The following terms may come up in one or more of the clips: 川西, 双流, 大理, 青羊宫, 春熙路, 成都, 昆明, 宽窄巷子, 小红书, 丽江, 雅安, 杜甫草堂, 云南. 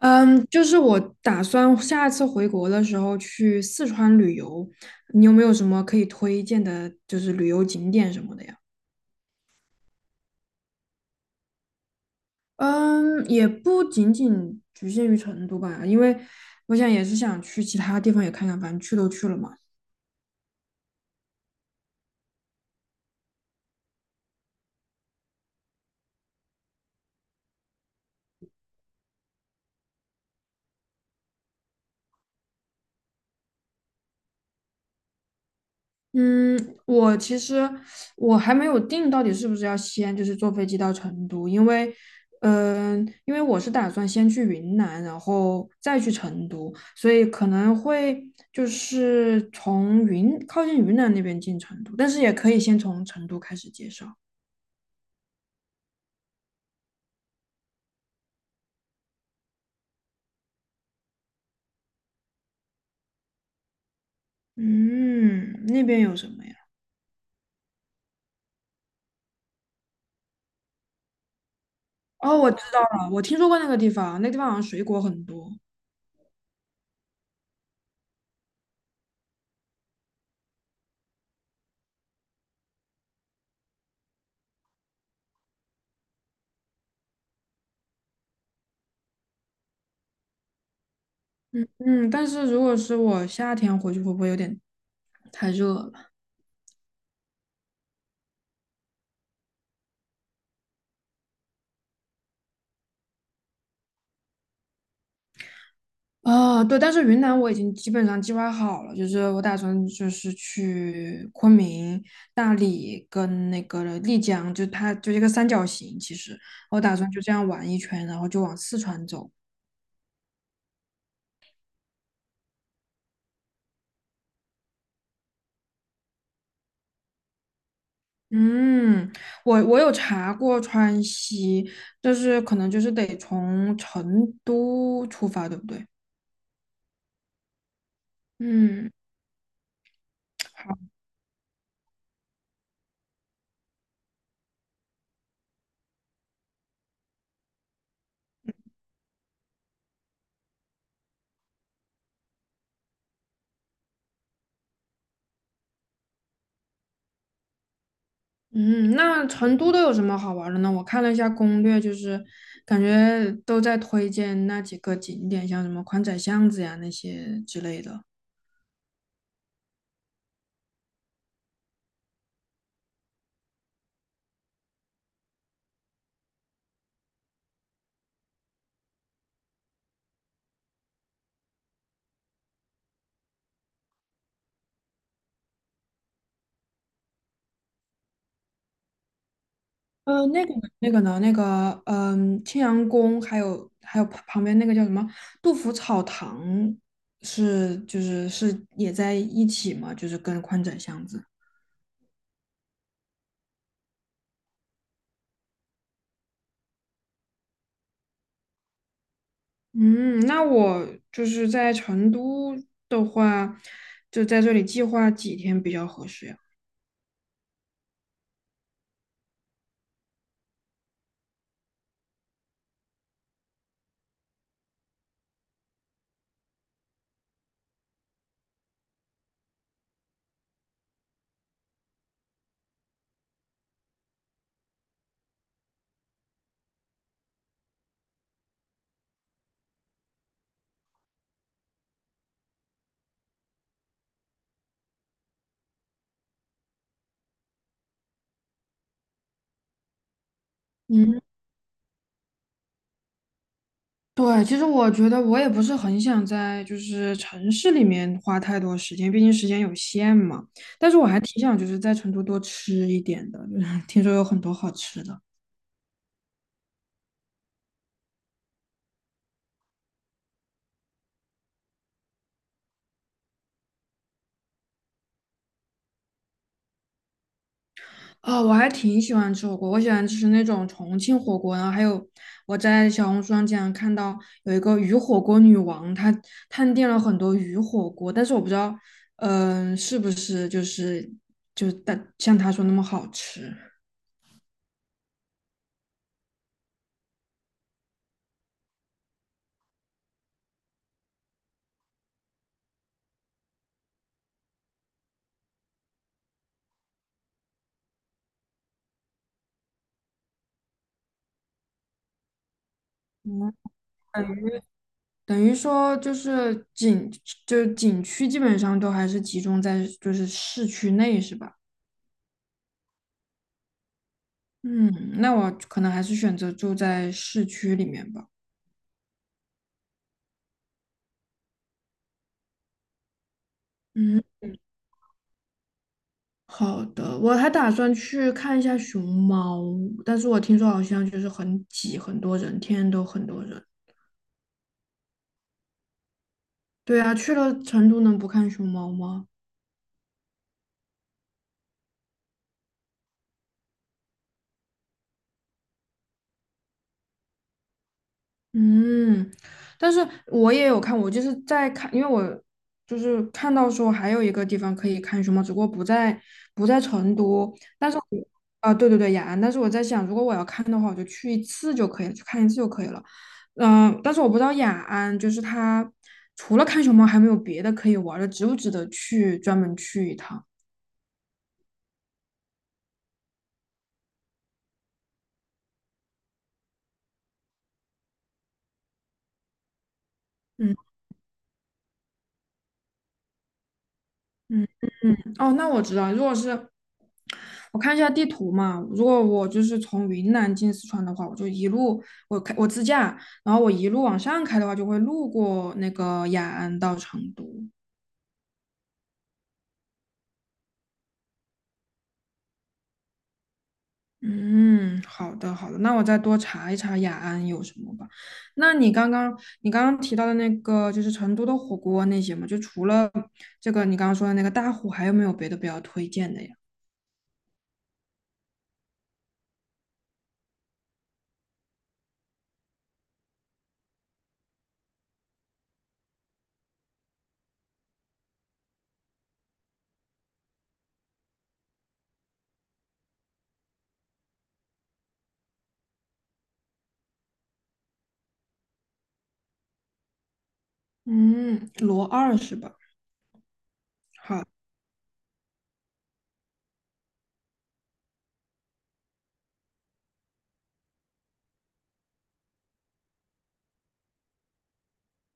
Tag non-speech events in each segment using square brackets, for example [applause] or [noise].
嗯，就是我打算下次回国的时候去四川旅游，你有没有什么可以推荐的，就是旅游景点什么的呀？嗯，也不仅仅局限于成都吧，因为我想也是想去其他地方也看看，反正去都去了嘛。我其实还没有定到底是不是要先就是坐飞机到成都，嗯、因为我是打算先去云南，然后再去成都，所以可能会就是从云靠近云南那边进成都，但是也可以先从成都开始介绍。嗯，那边有什么呀？哦，我知道了，我听说过那个地方，那个地方好像水果很多。嗯，但是如果是我夏天回去，会不会有点太热了？啊，对，但是云南我已经基本上计划好了，就是我打算就是去昆明、大理跟那个丽江，就它就一个三角形，其实我打算就这样玩一圈，然后就往四川走。嗯，我有查过川西，但是可能就是得从成都出发，对不对？嗯。好。嗯，那成都都有什么好玩儿的呢？我看了一下攻略，就是感觉都在推荐那几个景点，像什么宽窄巷子呀那些之类的。呃，那个那个呢，那个嗯，青羊宫，还有旁边那个叫什么杜甫草堂是，就是是也在一起嘛，就是跟宽窄巷子。嗯，那我就是在成都的话，就在这里计划几天比较合适呀？嗯。对，其实我觉得我也不是很想在就是城市里面花太多时间，毕竟时间有限嘛。但是我还挺想就是在成都多吃一点的，[laughs] 就是听说有很多好吃的。啊、我还挺喜欢吃火锅，我喜欢吃那种重庆火锅，然后还有我在小红书上经常看到有一个鱼火锅女王，她探店了很多鱼火锅，但是我不知道，是不是就是就但像她说那么好吃。嗯，等于说就是景区基本上都还是集中在就是市区内，是吧？嗯，那我可能还是选择住在市区里面吧。嗯，好的，我还打算去看一下熊猫，但是我听说好像就是很挤，很多人，天天都很多人。对啊，去了成都能不看熊猫吗？嗯，但是我也有看，我就是在看，因为我就是看到说还有一个地方可以看熊猫，只不过不在成都，但是我对对对，雅安，但是我在想，如果我要看的话，我就去一次就可以了，去看一次就可以了。但是我不知道雅安就是它除了看熊猫还没有别的可以玩儿的，值不值得去专门去一趟？嗯，哦，那我知道，如果是我看一下地图嘛，如果我就是从云南进四川的话，我就一路我自驾，然后我一路往上开的话，就会路过那个雅安到成都。嗯，好的好的，那我再多查一查雅安有什么吧。那你刚刚提到的那个就是成都的火锅那些嘛，就除了这个你刚刚说的那个大虎，还有没有别的比较推荐的呀？嗯，罗二是吧？好。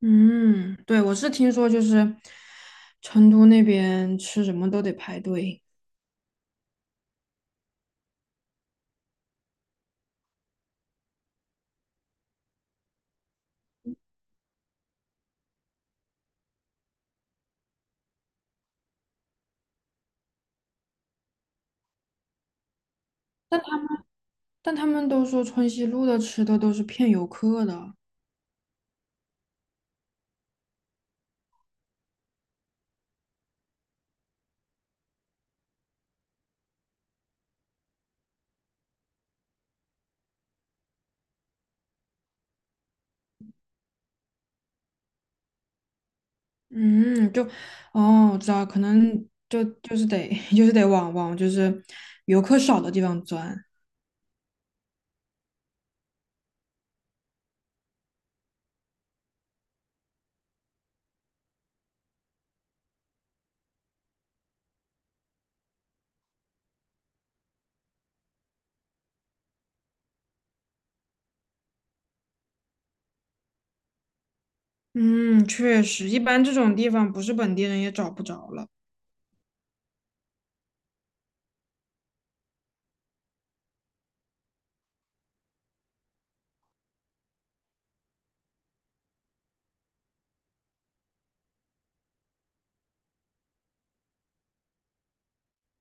嗯，对，我是听说就是成都那边吃什么都得排队，但他但他们都说春熙路的吃的都是骗游客的。嗯，就哦，我知道，可能就是得 [laughs] 就是得往就是游客少的地方钻。嗯，确实，一般这种地方不是本地人也找不着了。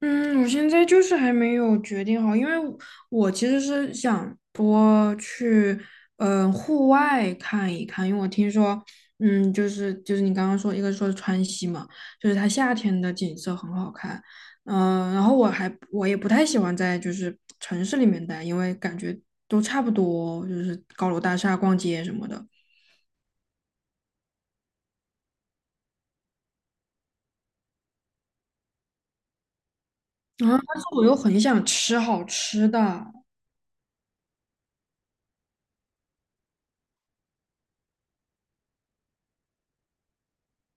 嗯，我现在就是还没有决定好，因为我其实是想多去，户外看一看，因为我听说，嗯，就是你刚刚说，一个说川西嘛，就是它夏天的景色很好看，然后我也不太喜欢在就是城市里面待，因为感觉都差不多，就是高楼大厦、逛街什么的。然后，但是我又很想吃好吃的，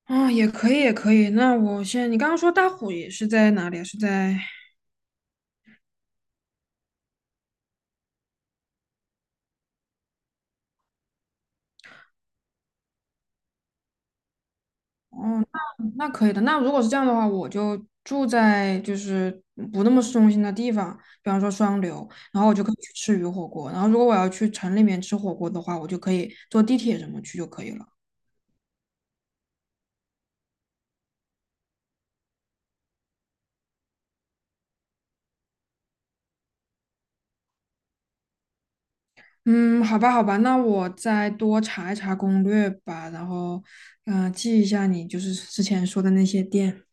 啊、也可以，也可以。那我先，你刚刚说大虎也是在哪里啊？是在，嗯那可以的。那如果是这样的话，我就住在就是不那么市中心的地方，比方说双流，然后我就可以去吃鱼火锅。然后如果我要去城里面吃火锅的话，我就可以坐地铁什么去就可以了。嗯，好吧，好吧，那我再多查一查攻略吧，然后，记一下你就是之前说的那些店。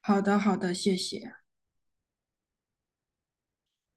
好的，好的，谢谢。